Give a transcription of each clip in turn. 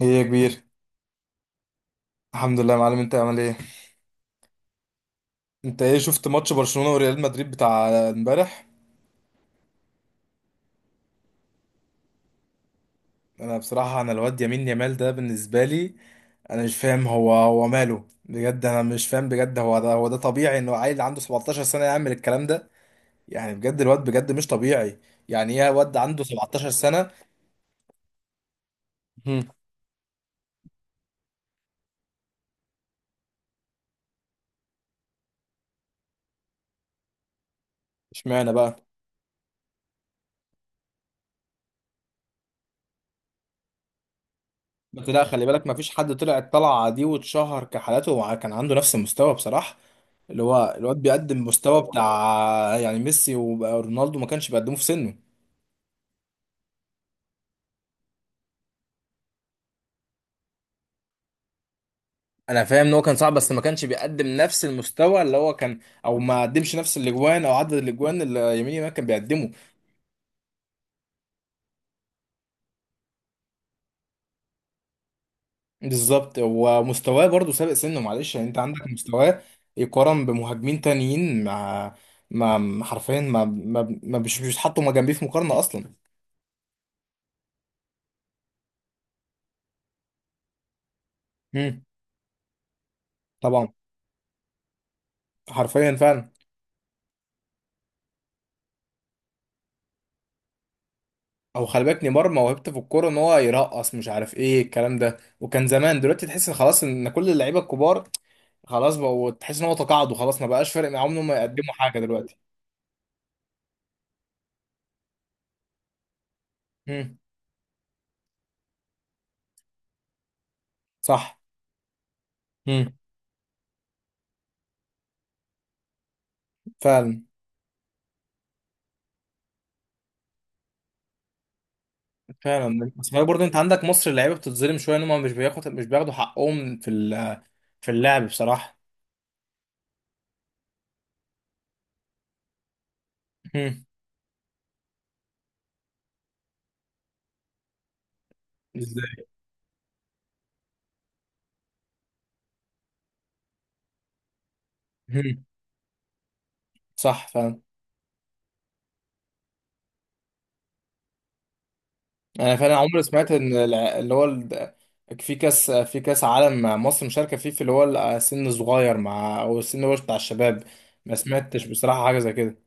ايه يا كبير. الحمد لله يا معلم، انت عامل ايه؟ انت ايه شفت ماتش برشلونة وريال مدريد بتاع امبارح؟ انا بصراحة، انا الواد يمين يامال ده بالنسبة لي، انا مش فاهم هو ماله بجد. انا مش فاهم بجد، هو ده طبيعي انه عيل عنده 17 سنة يعمل الكلام ده؟ يعني بجد الواد بجد مش طبيعي. يعني ايه واد عنده 17 سنة؟ هم. اشمعنى بقى؟ بس لا، خلي بالك مفيش حد طلع الطلعة دي واتشهر كحالاته وكان عنده نفس المستوى بصراحة. اللي هو الواد بيقدم مستوى بتاع يعني ميسي ورونالدو ما كانش بيقدموه في سنه. انا فاهم ان هو كان صعب، بس ما كانش بيقدم نفس المستوى اللي هو كان، او ما قدمش نفس الاجوان او عدد الاجوان اللي يمين يامال كان بيقدمه. بالظبط، ومستواه برضه سابق سنه، معلش يعني انت عندك مستواه يقارن بمهاجمين تانيين، مع ما حرفيا مش بيتحطوا ما جنبيه في مقارنه اصلا. امم. طبعا، حرفيا فعلا. او خلي بالك، نيمار موهبته في الكوره ان هو يرقص، مش عارف ايه الكلام ده، وكان زمان. دلوقتي تحس ان خلاص، ان كل اللعيبه الكبار خلاص بقوا، تحس ان هو تقاعدوا، خلاص ما بقاش فارق معاهم ان هم يقدموا حاجه دلوقتي. امم، صح. امم. فعلا. فعلا، بس خلي برضه، انت عندك مصر اللعيبه بتتظلم شويه، ان هم مش بياخدوا حقهم في ال- في اللعب بصراحه. امم. ازاي؟ امم. صح. انا فعلا عمري سمعت ان الع- اللي هو ال- في كاس عالم مصر مشاركه فيه، في اللي هو السن الصغير، مع، او السن اللي هو بتاع الشباب. ما سمعتش بصراحه حاجه زي كده.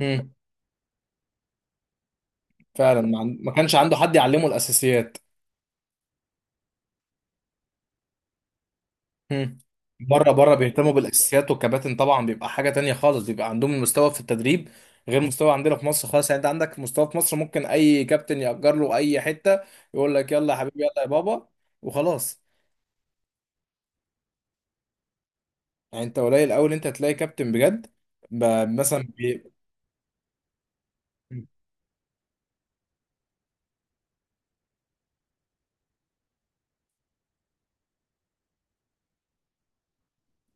هم. فعلا، ما كانش عنده حد يعلمه الاساسيات. هم. بره، بره بيهتموا بالاساسيات، والكباتن طبعا بيبقى حاجه تانية خالص، بيبقى عندهم المستوى في التدريب غير مستوى عندنا في مصر خالص. يعني انت عندك مستوى في مصر ممكن اي كابتن يأجر له اي حته، يقول لك يلا يا حبيبي يلا يا بابا، وخلاص. يعني انت قليل قوي ان انت هتلاقي كابتن بجد، ب- مثلا بي...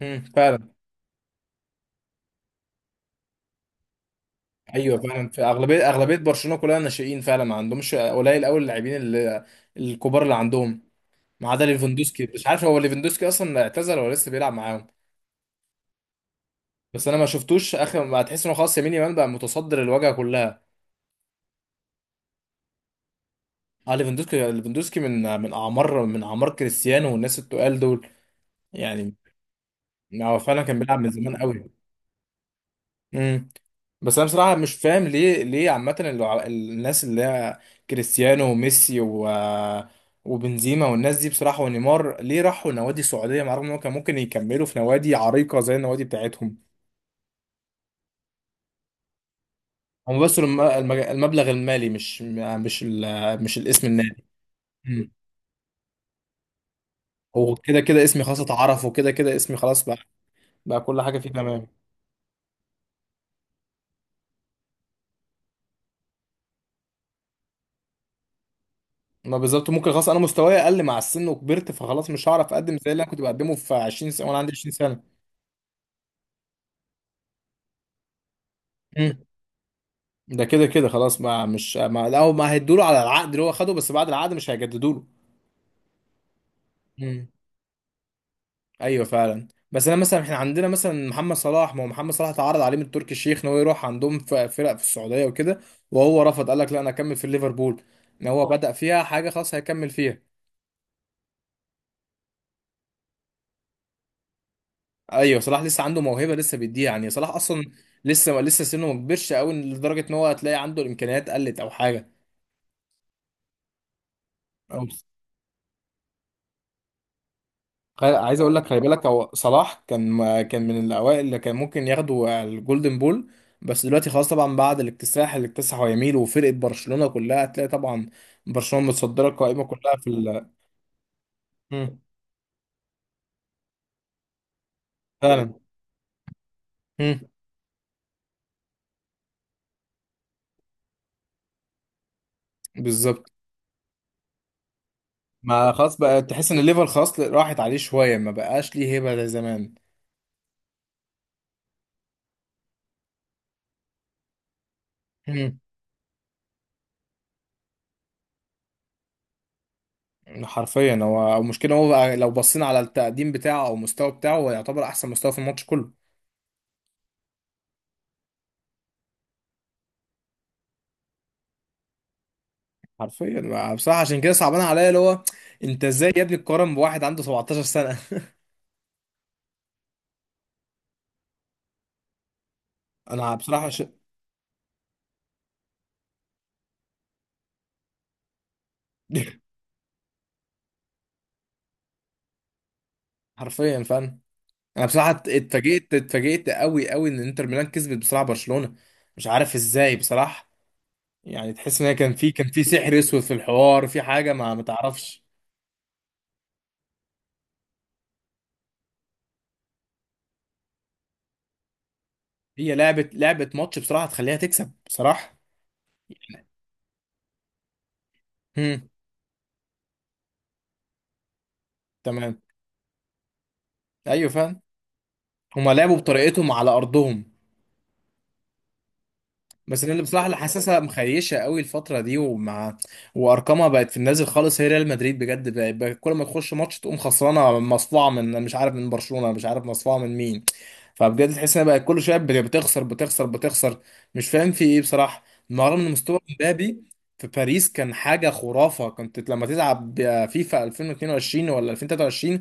مم. فعلا. ايوه فعلا، في اغلبيه برشلونه كلها ناشئين فعلا، ما عندهمش، قليل قوي اللاعبين اللي... الكبار اللي عندهم، ما عدا ليفاندوسكي. مش عارف هو ليفاندوسكي اصلا اعتزل ولا لسه بيلعب معاهم. بس انا ما شفتوش اخر، ما هتحس انه خلاص يمين يمان بقى متصدر الواجهه كلها. اه، ليفاندوسكي من اعمار كريستيانو والناس التقال دول. يعني هو فعلا كان بيلعب من زمان قوي. امم. بس انا بصراحه مش فاهم، ليه عامه اللع- الناس اللي هي كريستيانو وميسي و وبنزيما والناس دي بصراحه ونيمار، ليه راحوا نوادي سعوديه مع، رغم ان هم كان ممكن يكملوا في نوادي عريقه زي النوادي بتاعتهم؟ هم، بس الم- المج- المبلغ المالي، مش الاسم النادي. امم. وكده كده اسمي خلاص اتعرف، وكده كده اسمي خلاص بقى، بقى كل حاجه فيه تمام. ما بالظبط، ممكن خلاص انا مستواي اقل مع السن وكبرت، فخلاص مش هعرف اقدم زي اللي انا كنت بقدمه في 20 سنه وانا عندي 20 سنه. ده كده كده خلاص، ما مش ما لا هم هيدوا له على العقد اللي هو خده، بس بعد العقد مش هيجددوا له. مم. ايوه فعلا. بس انا مثلا احنا عندنا مثلا محمد صلاح، ما هو محمد صلاح اتعرض عليه من تركي الشيخ ان هو يروح عندهم في فرق في السعوديه وكده، وهو رفض، قال لك لا انا اكمل في ليفربول، ان هو بدأ فيها حاجه خلاص هيكمل فيها. ايوه، صلاح لسه عنده موهبه، لسه بيديها يعني. صلاح اصلا لسه سنه ما كبرش قوي لدرجه ان هو هتلاقي عنده الامكانيات قلت او حاجه. خل- عايز اقول لك، خلي بالك هو صلاح كان من الاوائل اللي كان ممكن ياخدوا الجولدن بول. بس دلوقتي خلاص طبعا، بعد الاكتساح اللي اكتسحه يميل وفرقه برشلونه كلها، هتلاقي طبعا برشلونه متصدره القائمه كلها في ال مم. فعلا. مم. بالظبط. ما خلاص بقى تحس ان الليفر خلاص راحت عليه شويه، ما بقاش ليه هيبه زي زمان. مم. حرفيا، هو المشكله هو بقى لو بصينا على التقديم بتاعه او المستوى بتاعه، هو يعتبر احسن مستوى في الماتش كله. حرفيا بصراحه عشان كده صعبان عليا، اللي هو انت ازاي يا ابني تقارن بواحد عنده 17 سنه؟ انا بصراحه ش... حرفيا فعلا. انا بصراحه اتفاجئت قوي قوي ان انتر ميلان كسبت بصراحه برشلونه. مش عارف ازاي بصراحه. يعني تحس ان هي، كان في سحر اسود في الحوار، في حاجه ما تعرفش. هي لعبه ماتش بصراحه تخليها تكسب بصراحه. هم. تمام. ايوه فعلا. هما لعبوا بطريقتهم على ارضهم. بس انا اللي بصراحه اللي حاسسها مخيشه قوي الفتره دي، ومع، وارقامها بقت في النازل خالص، هي ريال مدريد بجد بقت كل ما تخش ماتش تقوم خسرانه، مصفوعه من مش عارف، من برشلونه، مش عارف مصفوعه من مين. فبجد تحس انها بقت كل شويه بتخسر بتخسر بتخسر. مش فاهم في ايه بصراحه. رغم ان مستوى مبابي في باريس كان حاجه خرافه، كنت لما تلعب فيفا 2022 ولا 2023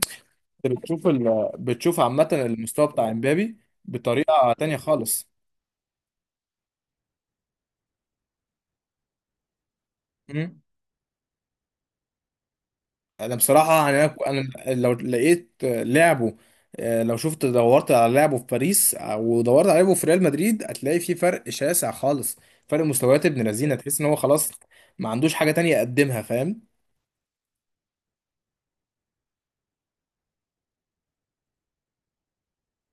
بتشوف ال... بتشوف عامه المستوى بتاع مبابي بطريقه تانيه خالص. انا بصراحه يعني انا، أنا لو لقيت لعبه، لو شفت دورت على لعبه في باريس ودورت على لعبه في ريال مدريد، هتلاقي في فرق شاسع خالص. فرق مستويات ابن لذينه، تحس ان هو خلاص ما عندوش حاجه تانية يقدمها، فاهم؟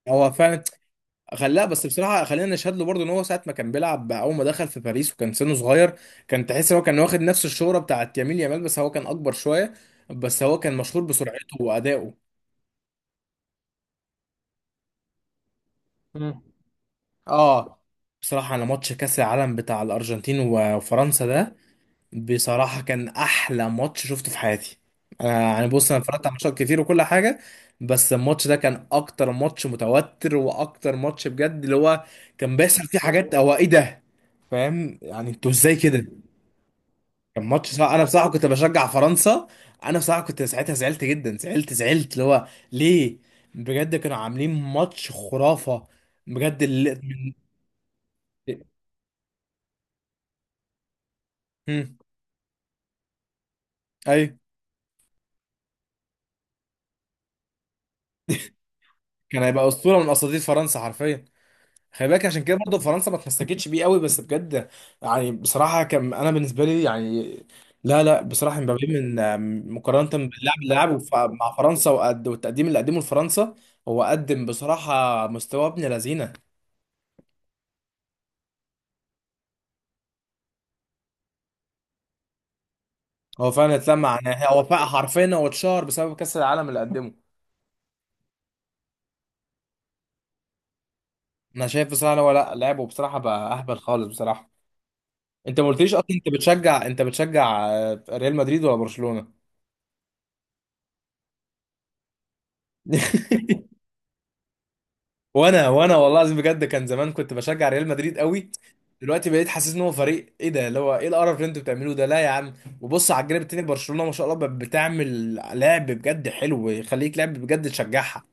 هو فعلا خلاه. بس بصراحه خلينا نشهد له برضه، ان هو ساعه ما كان بيلعب اول ما دخل في باريس وكان سنه صغير، كان تحس ان هو كان واخد نفس الشهره بتاعت يمين يامال، بس هو كان اكبر شويه. بس هو كان مشهور بسرعته وادائه. اه. بصراحة، أنا ماتش كأس العالم بتاع الأرجنتين و- وفرنسا ده، بصراحة كان أحلى ماتش شفته في حياتي. أنا يعني، بص، أنا اتفرجت على ماتشات كتير وكل حاجة، بس الماتش ده كان أكتر ماتش متوتر وأكتر ماتش بجد، اللي هو كان بيحصل فيه حاجات، هو إيه ده! فاهم يعني أنتوا إزاي كده؟ كان ماتش صعب، أنا بصراحة كنت بشجع فرنسا. أنا بصراحة كنت ساعتها زعلت جدا، زعلت زعلت اللي هو ليه. بجد كانوا عاملين ماتش خرافة. بجد. اللي... ايوه، كان هيبقى اسطوره من اساطير فرنسا حرفيا. خلي بالك عشان كده برضه فرنسا ما اتمسكتش بيه قوي، بس بجد، يعني بصراحه كان، انا بالنسبه لي يعني، لا لا بصراحه، مبابي من مقارنه باللاعب اللي لعبه ف- مع فرنسا، وقد والتقديم اللي قدمه لفرنسا، هو قدم بصراحه مستوى ابن لذينه. هو فعلا اتلمع، يعني هو فعلا حرفيا هو اتشهر بسبب كاس العالم اللي قدمه. انا شايف بصراحه إن هو، لا، لعبه بصراحه بقى اهبل خالص بصراحه. انت ما قلتليش اصلا انت بتشجع، ريال مدريد ولا برشلونه؟ وانا والله العظيم، بجد كان زمان كنت بشجع ريال مدريد قوي. دلوقتي بقيت حاسس ان هو فريق، ايه ده اللي هو، ايه القرف اللي انتوا بتعملوه ده؟ لا يا عم. وبص على الجانب التاني، برشلونة ما شاء الله بتعمل لعب بجد حلو يخليك، لعب بجد تشجعها.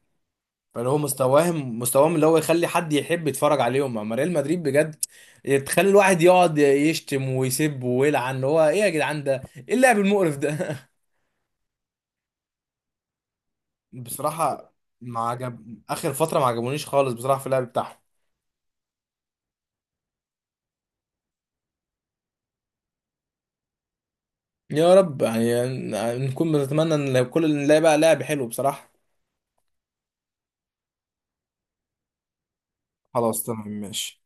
فاللي هو مستواهم اللي هو يخلي حد يحب يتفرج عليهم. اما ريال مدريد بجد تخلي الواحد يقعد يشتم ويسب ويلعن، اللي هو ايه يا جدعان ده! ايه اللعب المقرف ده! بصراحة، ما عجب اخر فترة ما عجبونيش خالص بصراحة في اللعب بتاعهم. يا رب يعني، نكون بنتمنى ان كل نلاقي بقى لاعب حلو بصراحة. خلاص تمام، ماشي.